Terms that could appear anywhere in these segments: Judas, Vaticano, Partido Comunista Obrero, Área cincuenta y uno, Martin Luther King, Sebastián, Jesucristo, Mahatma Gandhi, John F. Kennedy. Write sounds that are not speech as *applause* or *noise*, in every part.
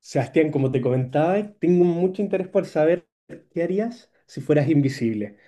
Sebastián, como te comentaba, tengo mucho interés por saber qué harías si fueras invisible.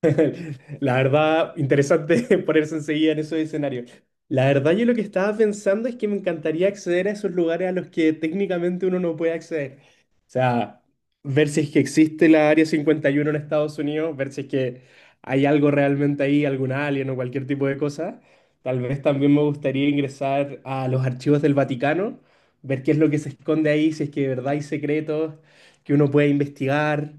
*laughs* La verdad, interesante *laughs* ponerse enseguida en esos escenarios. La verdad, yo lo que estaba pensando es que me encantaría acceder a esos lugares a los que técnicamente uno no puede acceder. O sea, ver si es que existe la Área 51 en Estados Unidos, ver si es que hay algo realmente ahí, algún alien o cualquier tipo de cosa. Tal vez también me gustaría ingresar a los archivos del Vaticano, ver qué es lo que se esconde ahí, si es que de verdad hay secretos que uno puede investigar,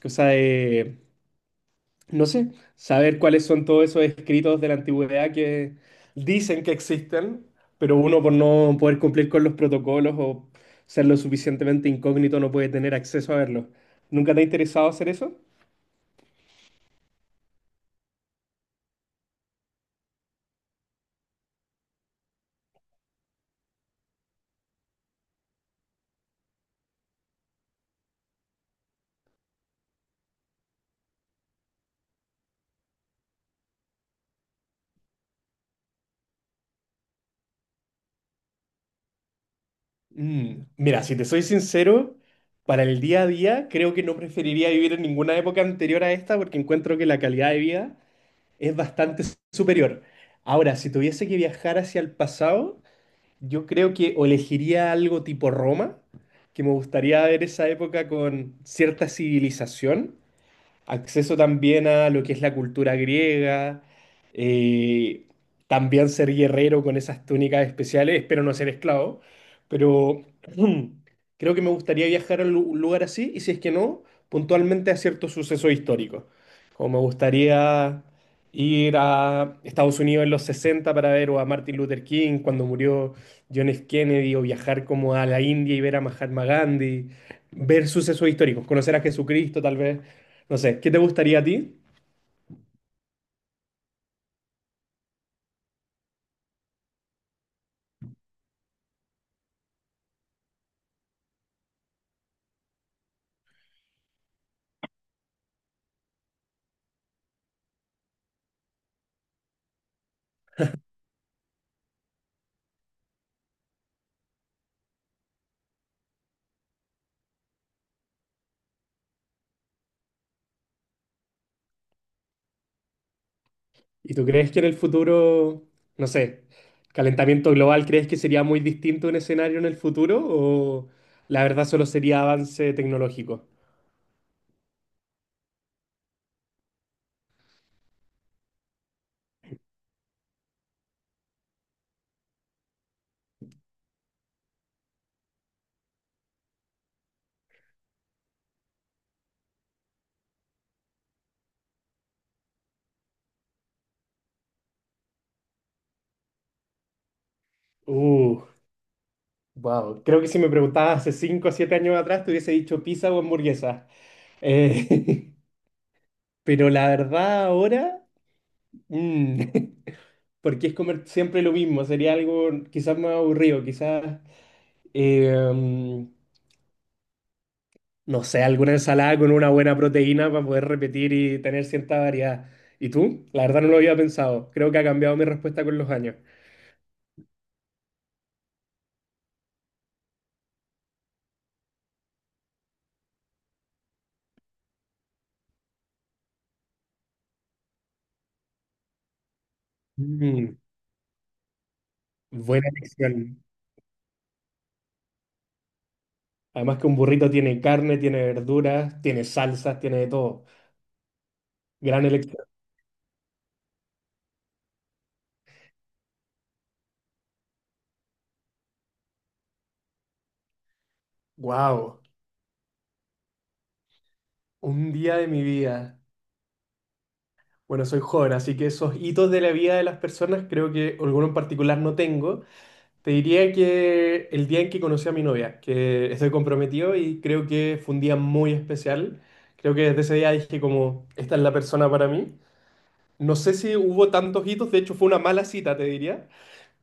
cosa de no sé, saber cuáles son todos esos escritos de la antigüedad que dicen que existen, pero uno por no poder cumplir con los protocolos o ser lo suficientemente incógnito no puede tener acceso a verlos. ¿Nunca te ha interesado hacer eso? Mira, si te soy sincero, para el día a día creo que no preferiría vivir en ninguna época anterior a esta porque encuentro que la calidad de vida es bastante superior. Ahora, si tuviese que viajar hacia el pasado... Yo creo que o elegiría algo tipo Roma, que me gustaría ver esa época con cierta civilización, acceso también a lo que es la cultura griega, eh, también ser guerrero con esas túnicas especiales, espero no ser esclavo, pero *clears throat* creo que me gustaría viajar a un lugar así y si es que no, puntualmente a ciertos sucesos históricos, como me gustaría ir a Estados Unidos en los 60 para ver o a Martin Luther King cuando murió John F. Kennedy o viajar como a la India y ver a Mahatma Gandhi, ver sucesos históricos, conocer a Jesucristo tal vez. No sé, ¿qué te gustaría a ti? ¿Y tú crees que en el futuro, no sé, calentamiento global, crees que sería muy distinto un escenario en el futuro o la verdad solo sería avance tecnológico? Uh, wow. Creo que si me preguntabas hace 5 o 7 años atrás te hubiese dicho pizza o hamburguesa. Eh, *laughs* pero la verdad ahora, mm, *laughs* porque es comer siempre lo mismo, sería algo quizás más aburrido, quizás... eh, no sé, alguna ensalada con una buena proteína para poder repetir y tener cierta variedad. ¿Y tú? La verdad no lo había pensado. Creo que ha cambiado mi respuesta con los años. Mm, buena elección. Además que un burrito tiene carne, tiene verduras, tiene salsas, tiene de todo. Gran elección. Wow, un día de mi vida. Bueno, soy joven, así que esos hitos de la vida de las personas creo que alguno en particular no tengo, te diría que el día en que conocí a mi novia, que estoy comprometido y creo que fue un día muy especial. Creo que desde ese día dije como, esta es la persona para mí. No sé si hubo tantos hitos, de hecho fue una mala cita, te diría,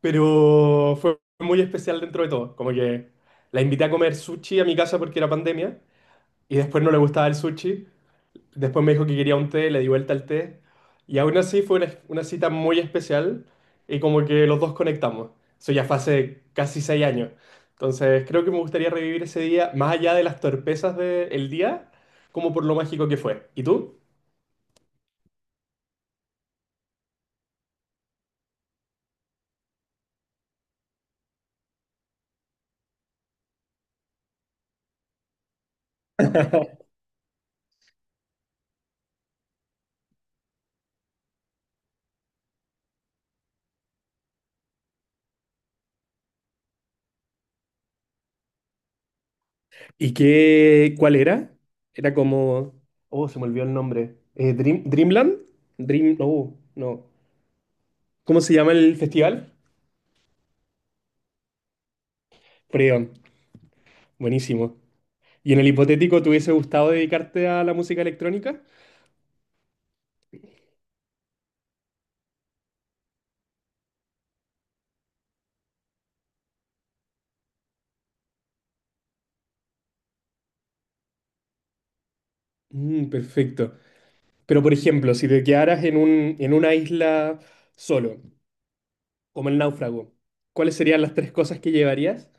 pero fue muy especial dentro de todo. Como que la invité a comer sushi a mi casa porque era pandemia y después no le gustaba el sushi. Después me dijo que quería un té, le di vuelta al té. Y aún así fue una cita muy especial y como que los dos conectamos. Eso ya fue hace casi 6 años. Entonces creo que me gustaría revivir ese día, más allá de las torpezas del día, como por lo mágico que fue. ¿Y tú? *laughs* ¿Y qué, cuál era? Era como oh, se me olvidó el nombre. Dream- ¿Dreamland? No, no. ¿Cómo se llama el festival? Freon, buenísimo. Y en el hipotético, ¿te hubiese gustado dedicarte a la música electrónica? Perfecto. Pero, por ejemplo, si te quedaras en un, en una isla solo, como el náufrago, ¿cuáles serían las tres cosas que llevarías?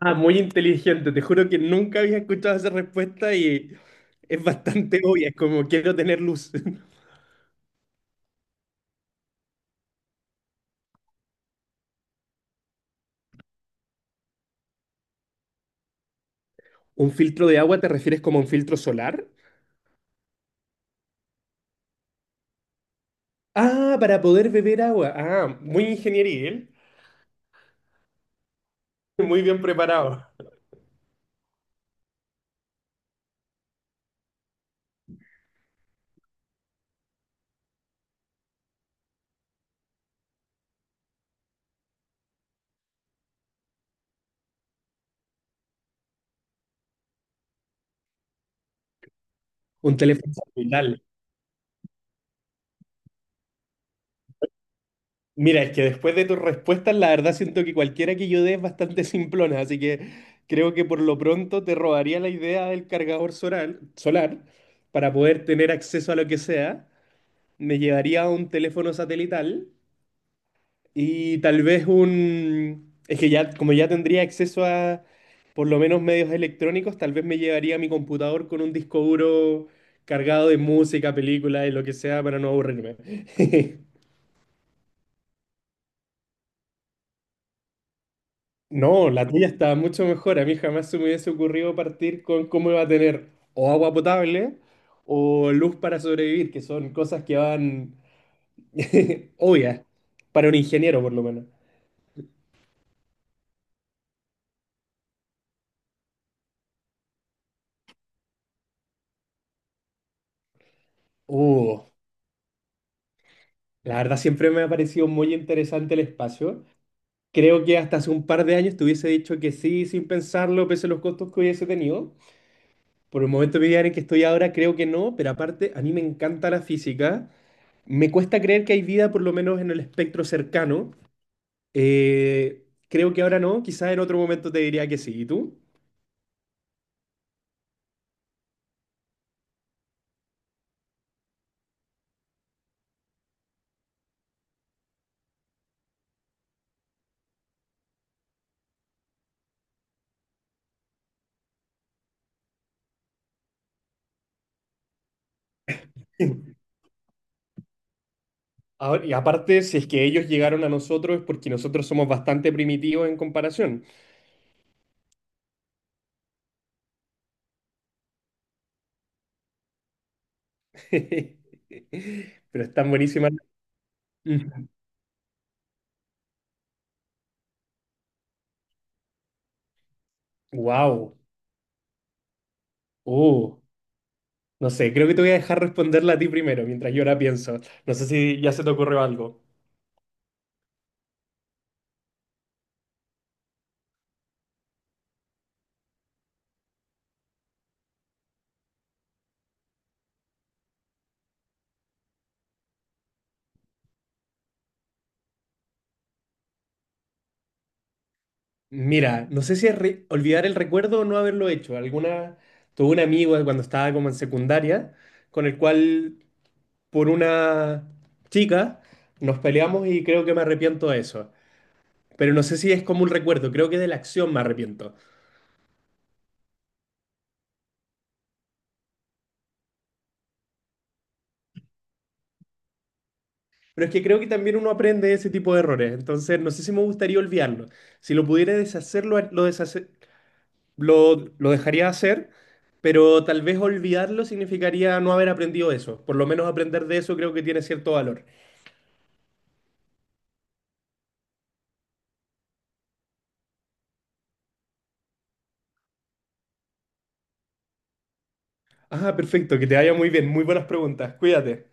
Ah, muy inteligente. Te juro que nunca había escuchado esa respuesta y es bastante obvia. Es como quiero tener luz. *laughs* ¿Un filtro de agua te refieres como a un filtro solar? Ah, para poder beber agua. Ah, muy ingeniería, ¿eh? Muy bien preparado. Un teléfono celular. Mira, es que después de tus respuestas, la verdad siento que cualquiera que yo dé es bastante *laughs* simplona, así que creo que por lo pronto te robaría la idea del cargador solar, solar para poder tener acceso a lo que sea. Me llevaría un teléfono satelital y tal vez un... Es que ya, como ya tendría acceso a por lo menos medios electrónicos, tal vez me llevaría mi computador con un disco duro cargado de música, películas y lo que sea para no aburrirme. *laughs* No, la tuya está mucho mejor. A mí jamás se me hubiese ocurrido partir con cómo iba a tener o agua potable o luz para sobrevivir, que son cosas que van *laughs* obvias para un ingeniero, por lo menos. Uh, la verdad siempre me ha parecido muy interesante el espacio. Creo que hasta hace un par de años te hubiese dicho que sí, sin pensarlo, pese a los costos que hubiese tenido. Por el momento de mi vida en el que estoy ahora, creo que no, pero aparte, a mí me encanta la física. Me cuesta creer que hay vida, por lo menos en el espectro cercano. Creo que ahora no, quizás en otro momento te diría que sí. ¿Y tú? *laughs* Ahora- y aparte, si es que ellos llegaron a nosotros es porque nosotros somos bastante primitivos en comparación. *laughs* Pero están buenísimas. *laughs* Wow. Oh, no sé, creo que te voy a dejar responderla a ti primero mientras yo la pienso. No sé si ya se te ocurrió algo. Mira, no sé si es olvidar el recuerdo o no haberlo hecho. Alguna, tuve un amigo cuando estaba como en secundaria con el cual por una chica, nos peleamos y creo que me arrepiento de eso. Pero no sé si es como un recuerdo, creo que de la acción me arrepiento. Pero es que creo que también uno aprende ese tipo de errores, entonces no sé si me gustaría olvidarlo. Si lo pudiera deshacer, lo dejaría hacer, pero tal vez olvidarlo significaría no haber aprendido eso. Por lo menos aprender de eso creo que tiene cierto valor. Ah, perfecto, que te vaya muy bien, muy buenas preguntas, cuídate.